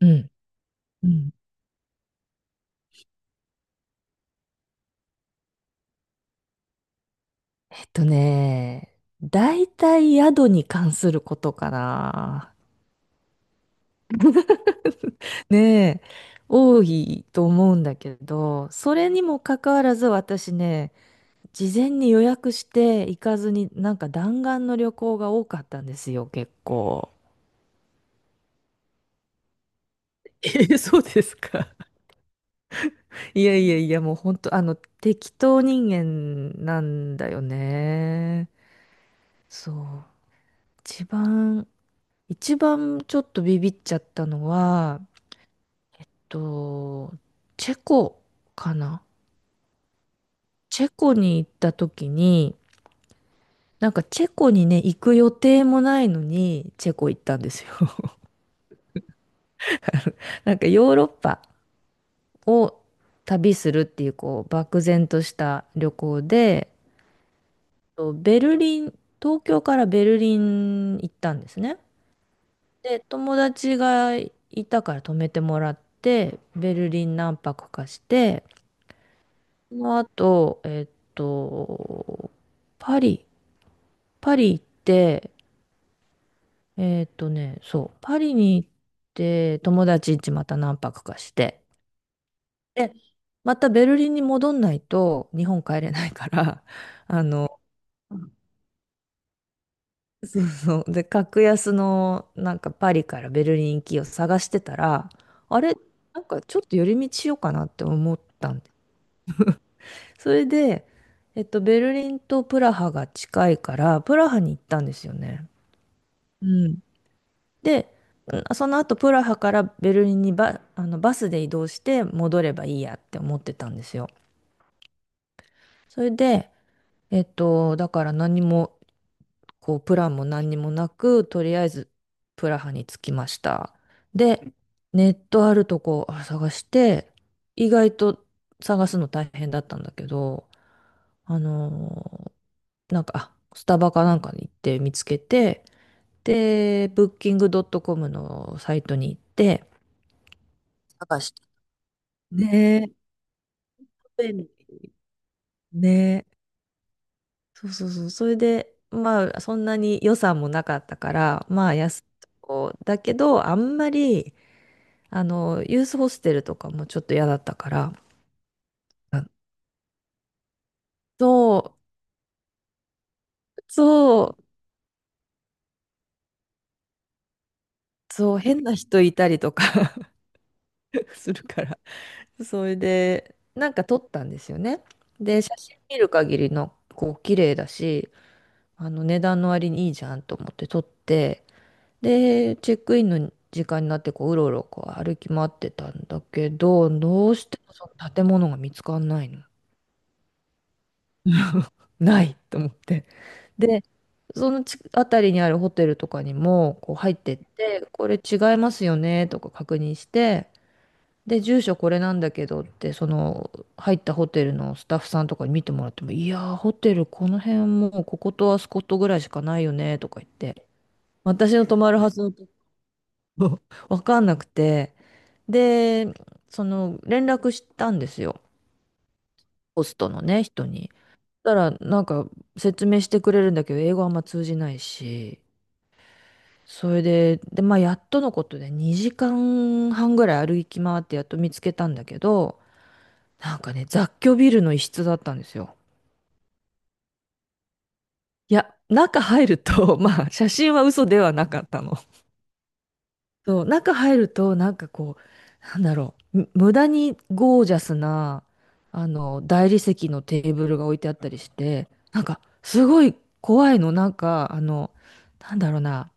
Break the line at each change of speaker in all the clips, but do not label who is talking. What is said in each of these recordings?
うん。うん。えっとね、大体宿に関することかな。ねえ、多いと思うんだけど、それにもかかわらず私ね、事前に予約して行かずに、なんか弾丸の旅行が多かったんですよ、結構。え、そうですか？いやいやいや、もう本当、適当人間なんだよね。そう。一番、一番ちょっとビビっちゃったのは、と、チェコかな。チェコに行った時に、なんかチェコにね、行く予定もないのに、チェコ行ったんですよ。なんかヨーロッパを旅するっていう、こう、漠然とした旅行で、ベルリン、東京からベルリン行ったんですね。で、友達がいたから泊めてもらって、ベルリン何泊かして、その後、パリ、パリ行って、そう、パリに行って、友達んちまた何泊かして、で、またベルリンに戻んないと日本帰れないから、あの、そうそう、で、格安のなんかパリからベルリン行きを探してたら、あれ、なんかちょっと寄り道しようかなって思ったんで、それで、ベルリンとプラハが近いから、プラハに行ったんですよね。うん。で、その後プラハからベルリンにあのバスで移動して戻ればいいやって思ってたんですよ。それで、だから何も、こう、プランも何にもなく、とりあえずプラハに着きました。で、ネットあるとこ探して、意外と探すの大変だったんだけど、あのなんか、スタバかなんかに行って見つけて、で、ブッキングドットコムのサイトに行って、探してねえ、便利ねえ。そうそうそう。それで、まあ、そんなに予算もなかったから、まあ、安いとこだけど、あんまり、ユースホステルとかもちょっと嫌だったから、あ、そう、そう、そう、変な人いたりとか するから。それで、なんか撮ったんですよね。で、写真見る限りの、こう、綺麗だし、値段の割にいいじゃんと思って撮って、で、チェックインの時間になってこう、うろうろこう歩き回ってたんだけど、どうしてもその建物が見つかんないの。ないと思って。で、その辺りにあるホテルとかにもこう入ってって、これ違いますよねとか確認して、で、住所これなんだけどって、その入ったホテルのスタッフさんとかに見てもらっても、いやー、ホテルこの辺もうこことあそことぐらいしかないよねとか言って、私の泊まるはずのと わかんなくて。で、その連絡したんですよ。ホストのね、人に。そしたら、なんか説明してくれるんだけど、英語あんま通じないし。それで、で、まあ、やっとのことで2時間半ぐらい歩き回ってやっと見つけたんだけど、なんかね、雑居ビルの一室だったんですよ。いや、中入ると、まあ、写真は嘘ではなかったの。そう、中入ると、なんかこう、なんだろう、無駄にゴージャスな、大理石のテーブルが置いてあったりして、なんか、すごい怖いの、なんか、なんだろうな、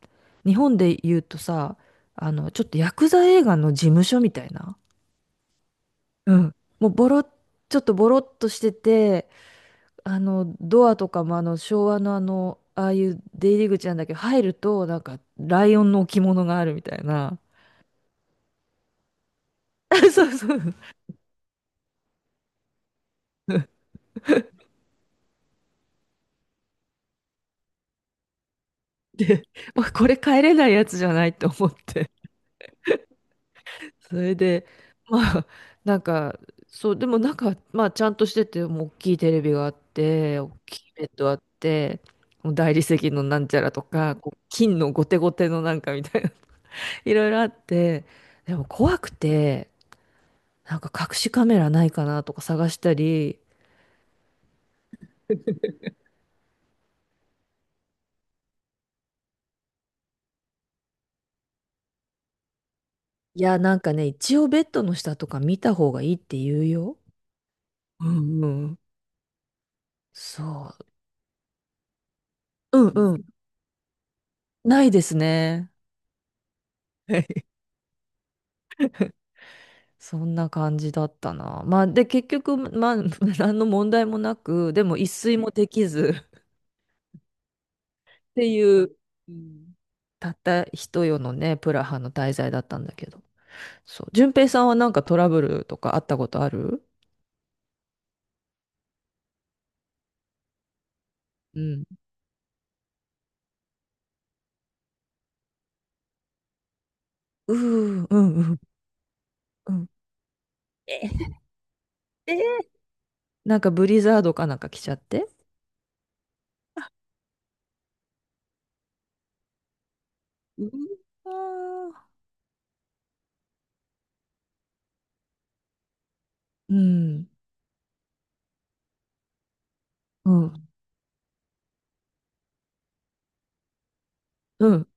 日本で言うとさ、ちょっとヤクザ映画の事務所みたいな、うん、もうボロ、ちょっとボロっとしてて、ドアとかも昭和のああいう出入り口なんだけど、入ると、なんか、ライオンの置物があるみたいな。そうそう。まあこれ帰れないやつじゃないと思って。それで、まあ、なんか、そう、でもなんか、まあ、ちゃんとしてて、もう大きいテレビがあって、大きいベッドあって、もう大理石のなんちゃらとか、こう金のゴテゴテのなんかみたいな、いろいろあって、でも怖くて、なんか隠しカメラないかなとか探したり、いや、なんかね、一応ベッドの下とか見た方がいいって言うよ。うんうん。そう。うんうん。ないですね。そんな感じだったな。まあ、で、結局、まあ、何の問題もなく、でも一睡もできずっていう、うん、たった一夜のね、プラハの滞在だったんだけど。そう。順平さんはなんかトラブルとかあったことある？うん。うー、うんうんうん。ええ、なんかブリザードかなんか来ちゃって。うわー、うんうん、うん、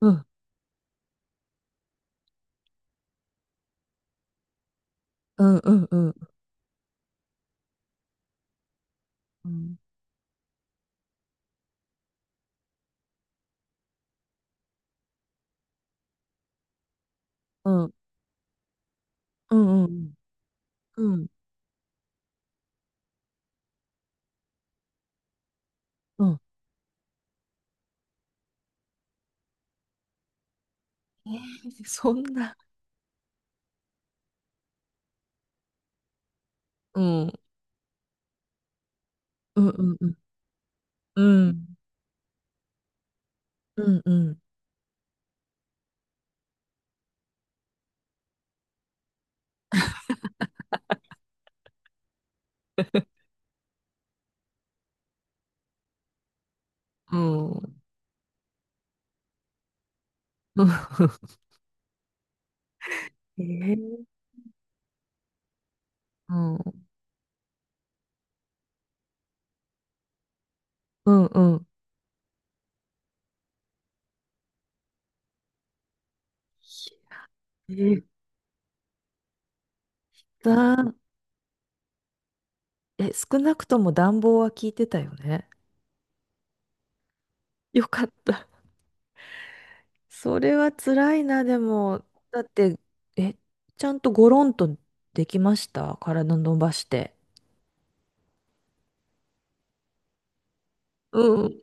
うん、うん、うん、うん、うん、うん、うん、うん、うん、うん、うん、えー、そんな。うん。うんうんうん。うんうんうん。うん。うん。えー、うん。うんうん。えー、だ、え、少なくとも暖房は効いてたよね。よかった。それは辛いな、でも。だって、え、ちゃんとゴロンとできました？体伸ばして。うん。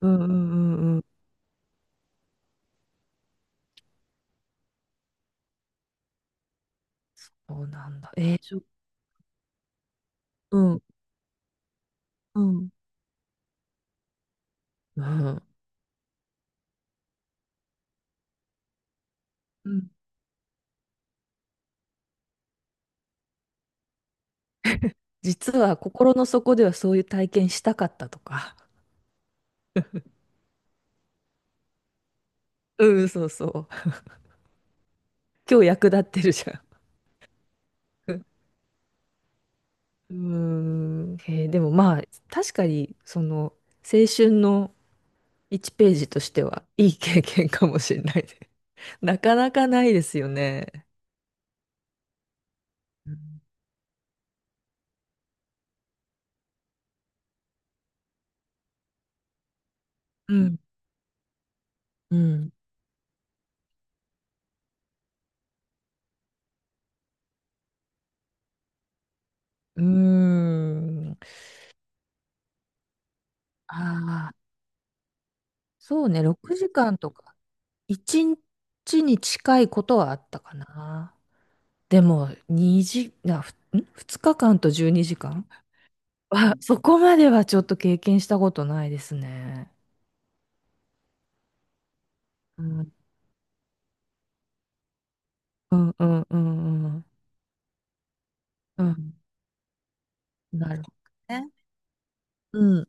うんうんうんうん。そうなんだ。えー、うん。うん。うん。うん。実は心の底ではそういう体験したかったとか。うん、そうそう。今日役立ってるじゃん。うん。へえ、でもまあ、確かに、その、青春の1ページとしては、いい経験かもしれないね。なかなかないですよね。うん。うん。うん。ああ、そうね、6時間とか、1日にちに近いことはあったかな。でも、2時、な、ふん2日間と12時間そこまではちょっと経験したことないですね。うん、うんうんうんうん。うん、なるほどね。うん、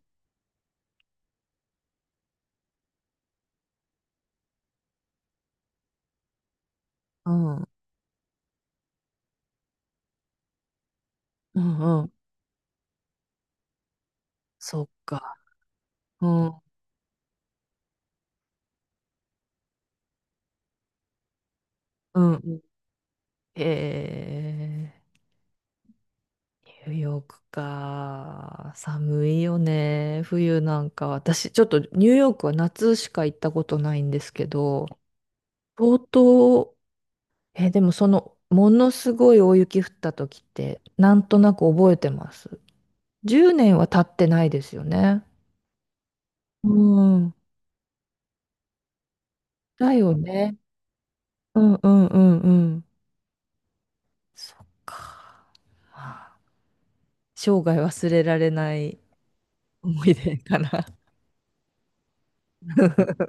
うんうんうん。そっか。うんうんうん。へえ、ニューヨークか。寒いよね。冬なんか。私、ちょっとニューヨークは夏しか行ったことないんですけど、相当、え、でもその、ものすごい大雪降った時って、なんとなく覚えてます。10年は経ってないですよね。うん。だよね。うんうんうんうん。そっか。まあ、生涯忘れられない思い出かな。